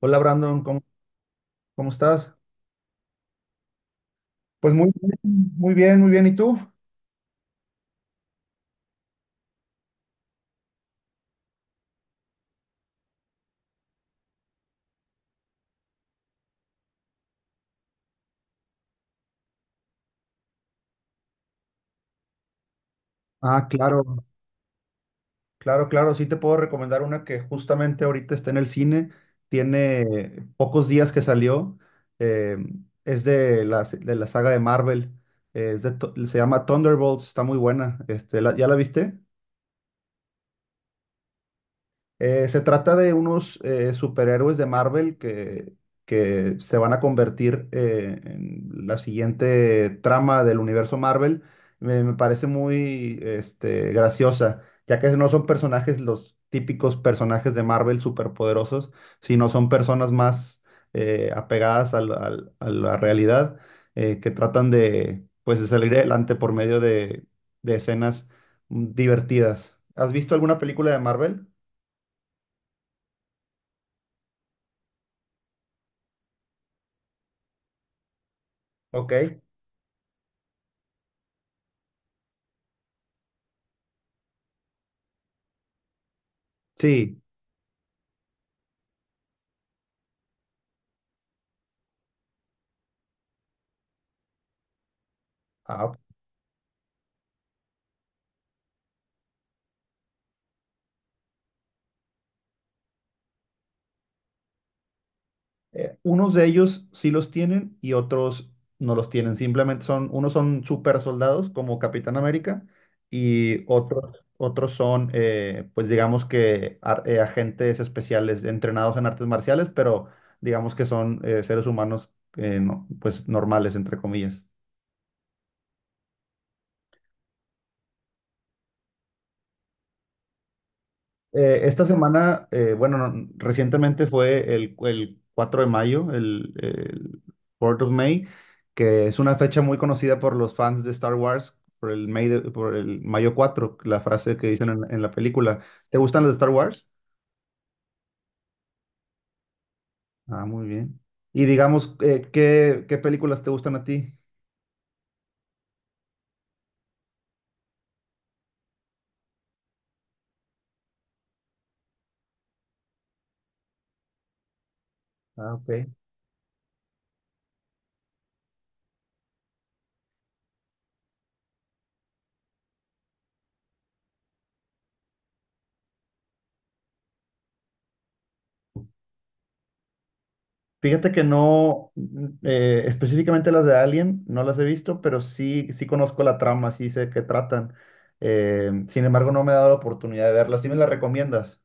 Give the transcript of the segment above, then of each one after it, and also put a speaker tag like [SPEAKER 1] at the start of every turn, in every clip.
[SPEAKER 1] Hola Brandon, ¿cómo, cómo estás? Pues muy bien, muy bien, muy bien. ¿Y tú? Ah, claro, claro, claro. Sí te puedo recomendar una que justamente ahorita está en el cine. Tiene pocos días que salió. eh, es de la saga de Marvel. Es de se llama Thunderbolts. Está muy buena. Este, ¿ya la viste? Se trata de unos superhéroes de Marvel que se van a convertir en la siguiente trama del universo Marvel. Me parece muy este, graciosa, ya que no son personajes los típicos personajes de Marvel superpoderosos, sino son personas más apegadas a la realidad, que tratan de, pues, de salir adelante por medio de escenas divertidas. ¿Has visto alguna película de Marvel? Ok. Sí. Ah, unos de ellos sí los tienen y otros no los tienen. Simplemente son, unos son super soldados como Capitán América y otros, otros son, pues digamos que agentes especiales entrenados en artes marciales, pero digamos que son seres humanos pues normales, entre comillas. Esta semana, bueno, no, recientemente fue el 4 de mayo, el 4 of May, que es una fecha muy conocida por los fans de Star Wars, por el, por el mayo 4, la frase que dicen en la película. ¿Te gustan las de Star Wars? Ah, muy bien. Y digamos, ¿qué películas te gustan a ti? Ah, ok. Fíjate que no, específicamente las de Alien, no las he visto, pero sí, sí conozco la trama, sí sé qué tratan. Sin embargo, no me he dado la oportunidad de verlas. ¿Sí me las recomiendas?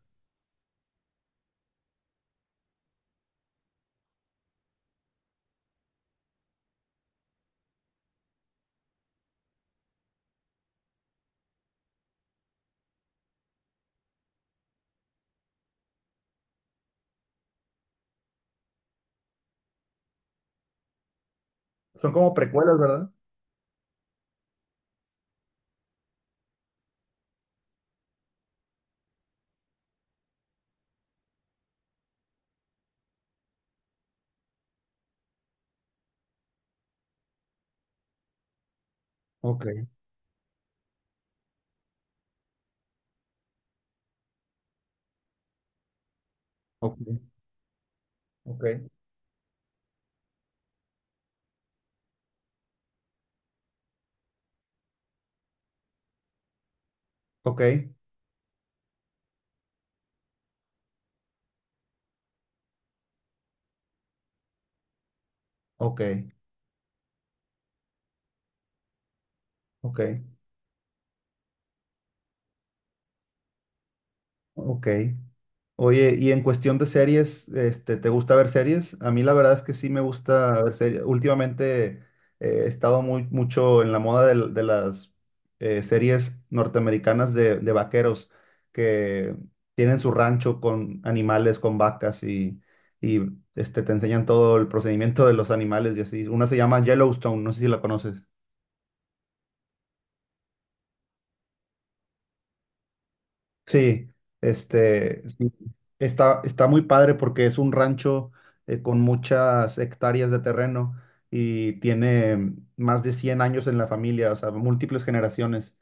[SPEAKER 1] Son como precuelas, ¿verdad? Ok, ok, ok, ok, ok, ok. Ok. Oye, y en cuestión de series, este, ¿te gusta ver series? A mí la verdad es que sí me gusta ver series. Últimamente he estado muy, mucho en la moda de, las series norteamericanas de vaqueros que tienen su rancho con animales, con vacas y este, te enseñan todo el procedimiento de los animales y así. Una se llama Yellowstone, no sé si la conoces. Sí, este, sí, está, está muy padre porque es un rancho con muchas hectáreas de terreno y tiene más de 100 años en la familia, o sea, múltiples generaciones.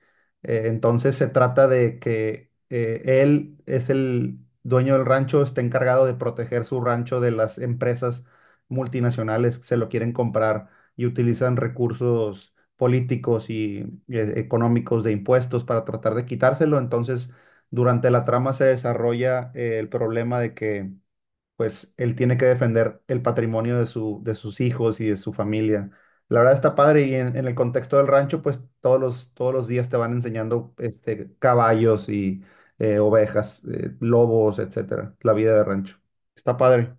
[SPEAKER 1] Entonces se trata de que él es el dueño del rancho, está encargado de proteger su rancho de las empresas multinacionales que se lo quieren comprar y utilizan recursos políticos y económicos de impuestos para tratar de quitárselo. Entonces durante la trama se desarrolla el problema de que, pues, él tiene que defender el patrimonio de su, de sus hijos y de su familia. La verdad está padre y en el contexto del rancho, pues, todos los días te van enseñando este, caballos y ovejas, lobos, etcétera. La vida de rancho. Está padre.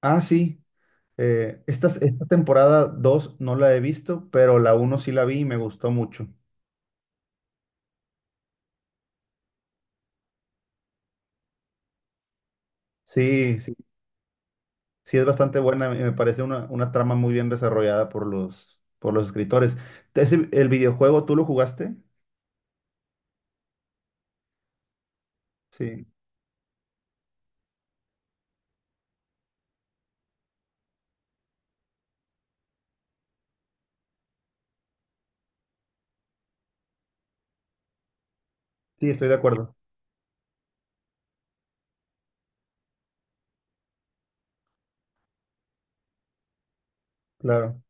[SPEAKER 1] Ah, sí. Esta temporada 2 no la he visto, pero la uno sí la vi y me gustó mucho. Sí, sí. Sí, es bastante buena, y me parece una trama muy bien desarrollada por los escritores. ¿El videojuego tú lo jugaste? Sí, sí, estoy de acuerdo, claro.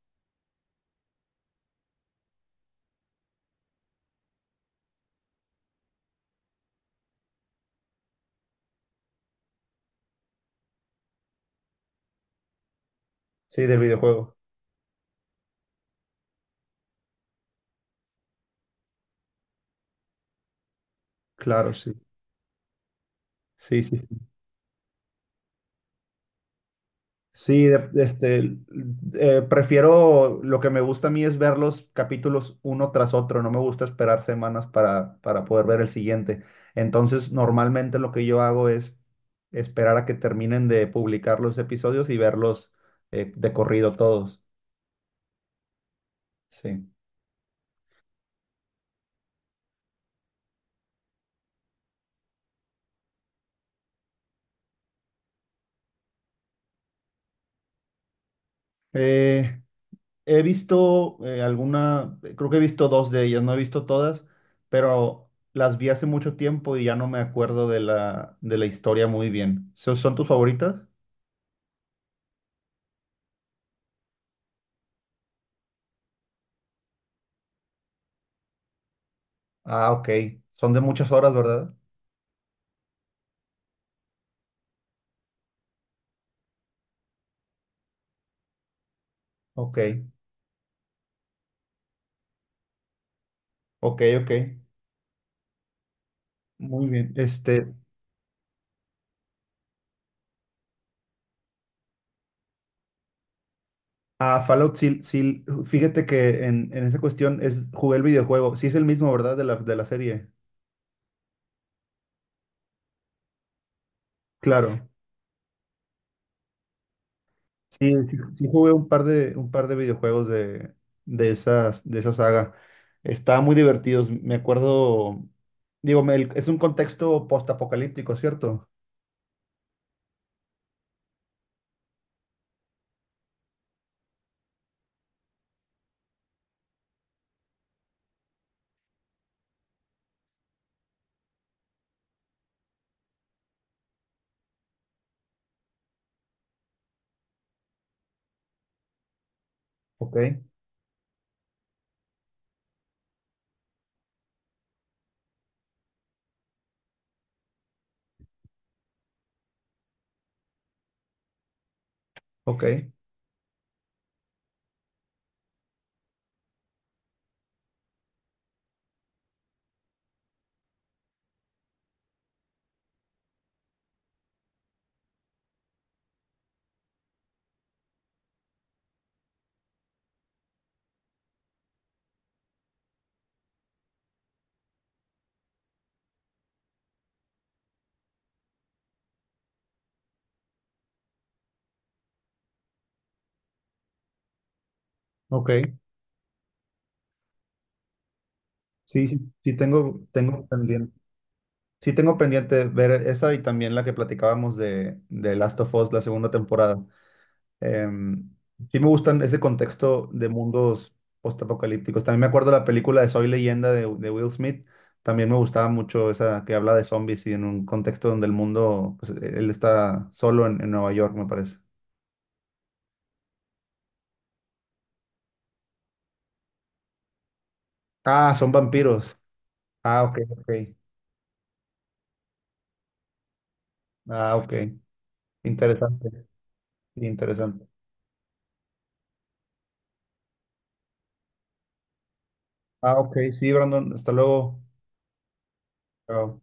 [SPEAKER 1] Sí, del videojuego, claro, sí, sí, sí. Sí, este, prefiero, lo que me gusta a mí es ver los capítulos uno tras otro, no me gusta esperar semanas para poder ver el siguiente. Entonces, normalmente lo que yo hago es esperar a que terminen de publicar los episodios y verlos de corrido todos. Sí. Eh, he visto alguna, creo que he visto dos de ellas, no he visto todas, pero las vi hace mucho tiempo y ya no me acuerdo de la historia muy bien. ¿Son tus favoritas? Ah, ok. Son de muchas horas, ¿verdad? Ok, ok, ok. Muy bien. Este, ah, Fallout, sí, sí, fíjate que en esa cuestión es, jugué el videojuego. Sí es el mismo, ¿verdad? De la serie. Claro. Sí, sí, sí jugué un par de videojuegos de esas, de esa saga. Estaban muy divertidos. Me acuerdo, digo, es un contexto postapocalíptico, ¿cierto? Ok, ok, ok. Sí, sí sí tengo, tengo pendiente. Sí tengo pendiente ver esa y también la que platicábamos de Last of Us, la segunda temporada. Em, sí me gustan ese contexto de mundos postapocalípticos. También me acuerdo de la película de Soy Leyenda de Will Smith. También me gustaba mucho esa que habla de zombies y en un contexto donde el mundo, pues, e, él está solo en Nueva York, me parece. Ah, son vampiros. Ah, ok, ok. Ah, ok. Interesante, sí, interesante. Ah, ok, sí, Brandon. Hasta luego. Chao.